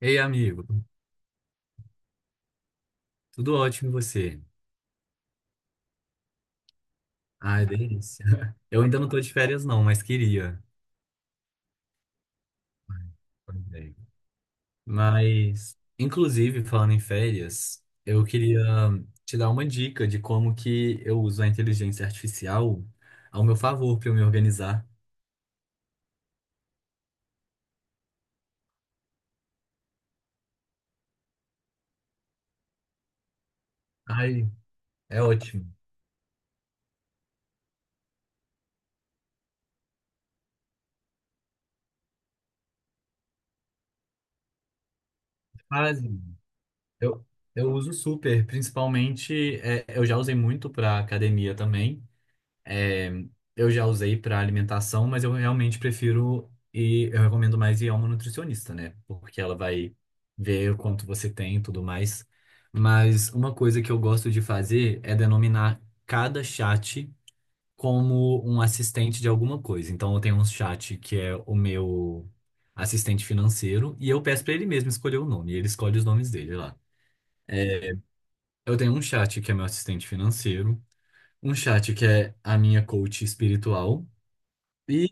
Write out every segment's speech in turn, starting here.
Ei, amigo, tudo ótimo e você? Ai, delícia. Eu ainda não tô de férias, não, mas queria. Ai, pois é. Mas, inclusive, falando em férias, eu queria te dar uma dica de como que eu uso a inteligência artificial ao meu favor para eu me organizar. Ai, é ótimo. Quase. Eu, eu uso super, principalmente, eu já usei muito para academia também. É, eu já usei para alimentação, mas eu realmente prefiro e eu recomendo mais ir a uma nutricionista, né? Porque ela vai ver o quanto você tem e tudo mais. Mas uma coisa que eu gosto de fazer é denominar cada chat como um assistente de alguma coisa. Então eu tenho um chat que é o meu assistente financeiro e eu peço para ele mesmo escolher o nome, e ele escolhe os nomes dele lá. Eu tenho um chat que é meu assistente financeiro, um chat que é a minha coach espiritual. E.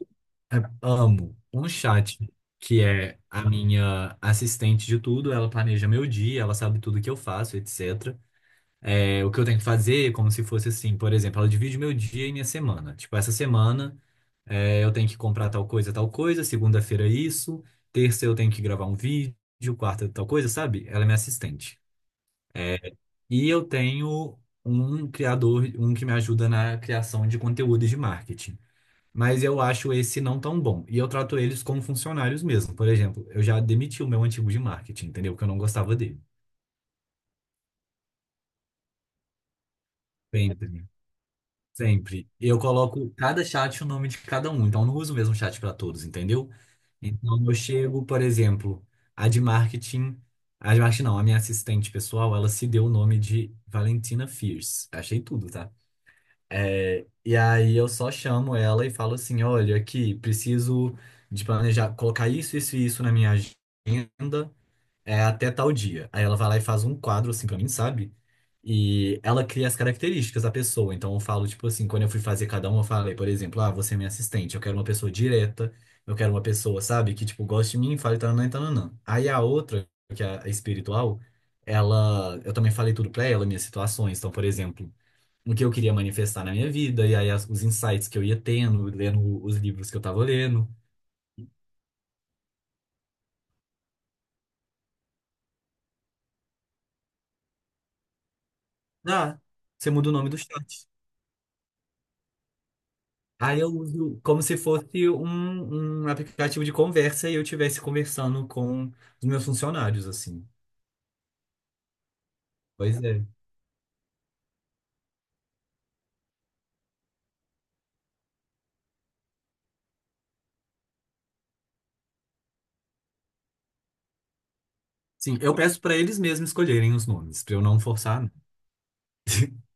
É, Amo um chat que é a minha assistente de tudo, ela planeja meu dia, ela sabe tudo que eu faço, etc. O que eu tenho que fazer, como se fosse assim, por exemplo, ela divide meu dia e minha semana. Tipo, essa semana eu tenho que comprar tal coisa, segunda-feira isso, terça eu tenho que gravar um vídeo, quarta tal coisa, sabe? Ela é minha assistente. É, e eu tenho um criador, um que me ajuda na criação de conteúdo e de marketing, mas eu acho esse não tão bom. E eu trato eles como funcionários mesmo. Por exemplo, eu já demiti o meu antigo de marketing, entendeu? Porque eu não gostava dele. Sempre, sempre. Eu coloco cada chat o nome de cada um, então eu não uso o mesmo chat para todos, entendeu? Então eu chego, por exemplo, a de marketing, a de marketing não, a minha assistente pessoal, ela se deu o nome de Valentina Fierce. Achei tudo, tá? E aí eu só chamo ela e falo assim, olha, aqui, preciso de planejar, colocar isso, isso e isso na minha agenda, é, até tal dia. Aí ela vai lá e faz um quadro assim pra mim, sabe? E ela cria as características da pessoa. Então eu falo, tipo assim, quando eu fui fazer cada um, eu falei, por exemplo, ah, você é minha assistente, eu quero uma pessoa direta, eu quero uma pessoa, sabe, que, tipo, goste de mim, e fale tananã e tananã. Aí a outra, que é a espiritual, ela, eu também falei tudo pra ela, minhas situações. Então, por exemplo, o que eu queria manifestar na minha vida, e aí os insights que eu ia tendo, lendo os livros que eu tava lendo. Ah, você muda o nome do chat. Aí eu uso como se fosse um aplicativo de conversa e eu estivesse conversando com os meus funcionários, assim. Pois é. Sim, eu peço para eles mesmos escolherem os nomes, para eu não forçar.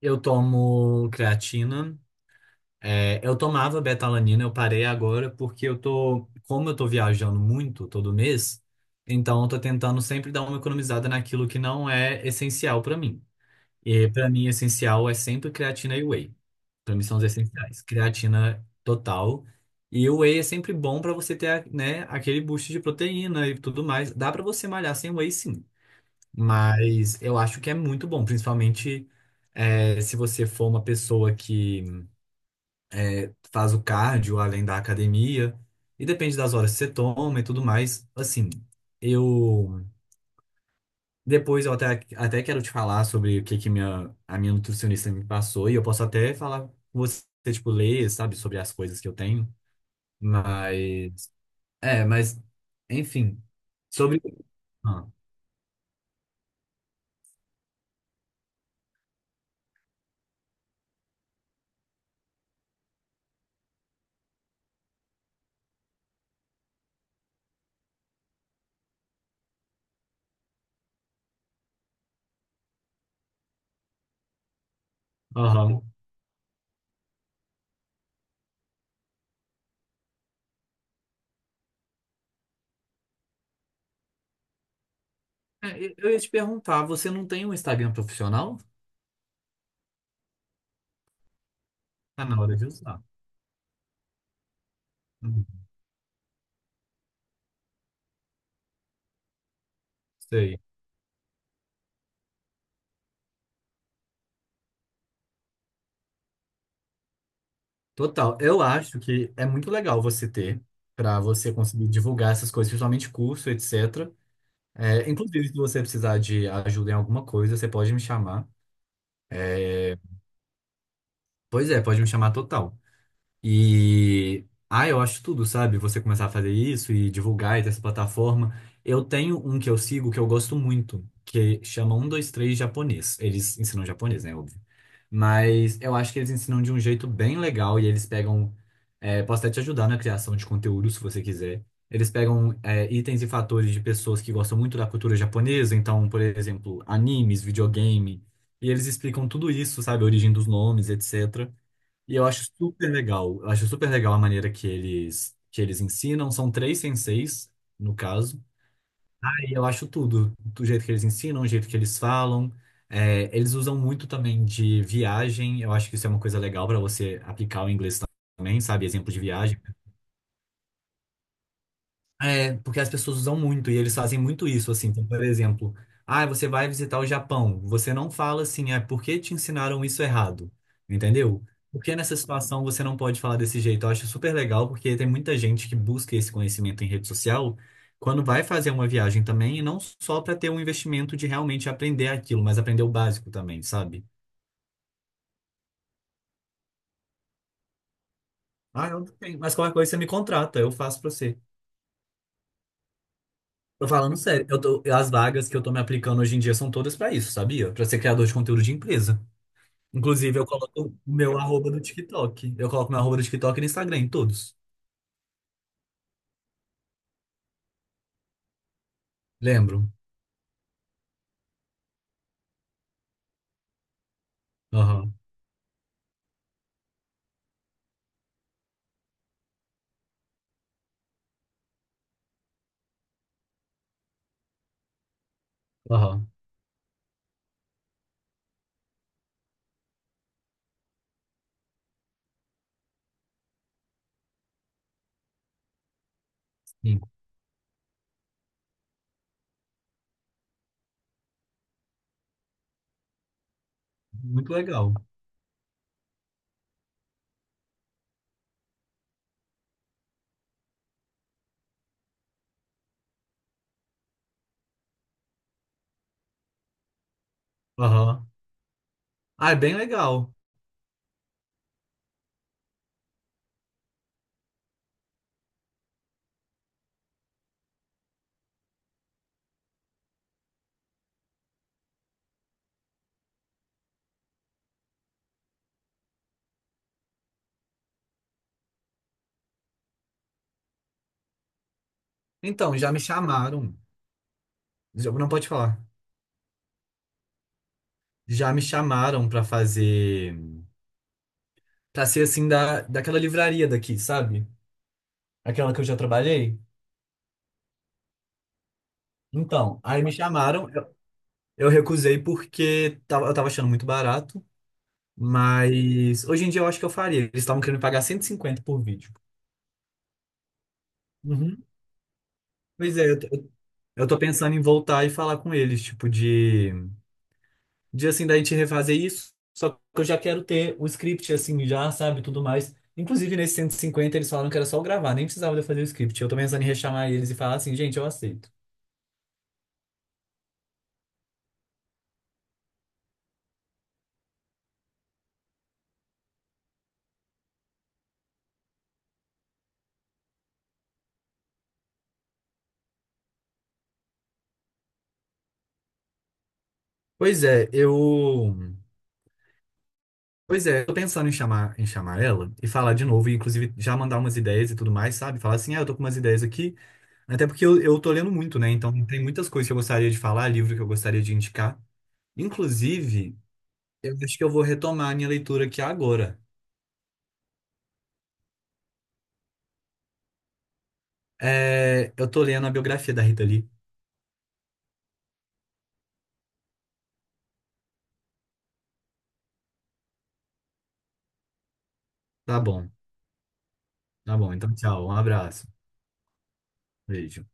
Eu tomo creatina. Eu tomava betalanina, eu parei agora porque eu tô, como eu tô viajando muito todo mês, então eu tô tentando sempre dar uma economizada naquilo que não é essencial pra mim. E pra mim essencial é sempre creatina e whey. Pra mim são os essenciais. Creatina total, e o whey é sempre bom pra você ter, né, aquele boost de proteína e tudo mais. Dá pra você malhar sem whey, sim. Mas eu acho que é muito bom, principalmente, é, se você for uma pessoa que faz o cardio além da academia, e depende das horas que você toma e tudo mais. Assim, eu. Depois eu até, até quero te falar sobre o que, que minha, a minha nutricionista me passou, e eu posso até falar com você, tipo, ler, sabe, sobre as coisas que eu tenho. Mas. É, mas. Enfim. Sobre. Ah, aham. Eu ia te perguntar, você não tem um Instagram profissional? Tá na hora de usar. Hum. Sei. Total. Eu acho que é muito legal você ter, para você conseguir divulgar essas coisas, principalmente curso, etc. Inclusive, se você precisar de ajuda em alguma coisa, você pode me chamar. É, Pois é, pode me chamar total. E ah, eu acho tudo, sabe? Você começar a fazer isso e divulgar e ter essa plataforma. Eu tenho um que eu sigo que eu gosto muito, que chama 123 japonês. Eles ensinam japonês, né? Óbvio. Mas eu acho que eles ensinam de um jeito bem legal e eles pegam. Posso até te ajudar na criação de conteúdo, se você quiser. Eles pegam, itens e fatores de pessoas que gostam muito da cultura japonesa, então, por exemplo, animes, videogame, e eles explicam tudo isso, sabe? A origem dos nomes, etc. E eu acho super legal. Eu acho super legal a maneira que eles ensinam. São três senseis, no caso. E eu acho tudo. Do jeito que eles ensinam, do jeito que eles falam. Eles usam muito também de viagem. Eu acho que isso é uma coisa legal para você aplicar o inglês também, sabe? Exemplo de viagem. Porque as pessoas usam muito e eles fazem muito isso, assim. Então, por exemplo, ah, você vai visitar o Japão. Você não fala assim, ah, por que te ensinaram isso errado? Entendeu? Por que nessa situação você não pode falar desse jeito? Eu acho super legal, porque tem muita gente que busca esse conhecimento em rede social quando vai fazer uma viagem também, e não só para ter um investimento de realmente aprender aquilo, mas aprender o básico também, sabe? Ah, eu não tenho. Mas qualquer coisa você me contrata, eu faço para você. Tô falando sério, eu tô, as vagas que eu tô me aplicando hoje em dia são todas pra isso, sabia? Pra ser criador de conteúdo de empresa. Inclusive, eu coloco o meu arroba do TikTok. Eu coloco meu arroba do TikTok e no Instagram, em todos. Lembro. Aham, aham. Sim. Muito legal. Aham. Ah, é bem legal. Então, já me chamaram. Não pode falar. Já me chamaram pra fazer. Pra ser assim, da, daquela livraria daqui, sabe? Aquela que eu já trabalhei. Então, aí me chamaram. Eu recusei porque eu tava achando muito barato. Mas hoje em dia eu acho que eu faria. Eles estavam querendo pagar 150 por vídeo. Uhum. Pois é, eu tô pensando em voltar e falar com eles, tipo, de assim, da gente refazer isso. Só que eu já quero ter o script, assim, já, sabe, tudo mais. Inclusive, nesse 150 eles falaram que era só eu gravar, nem precisava de eu fazer o script. Eu tô pensando em rechamar eles e falar assim, gente, eu aceito. Pois é, eu. Pois é, eu tô pensando em chamar, ela e falar de novo, e inclusive já mandar umas ideias e tudo mais, sabe? Falar assim, ah, eu tô com umas ideias aqui. Até porque eu tô lendo muito, né? Então tem muitas coisas que eu gostaria de falar, livro que eu gostaria de indicar. Inclusive, eu acho que eu vou retomar a minha leitura aqui agora. Eu tô lendo a biografia da Rita Lee. Tá bom, tá bom. Então, tchau. Um abraço. Beijo.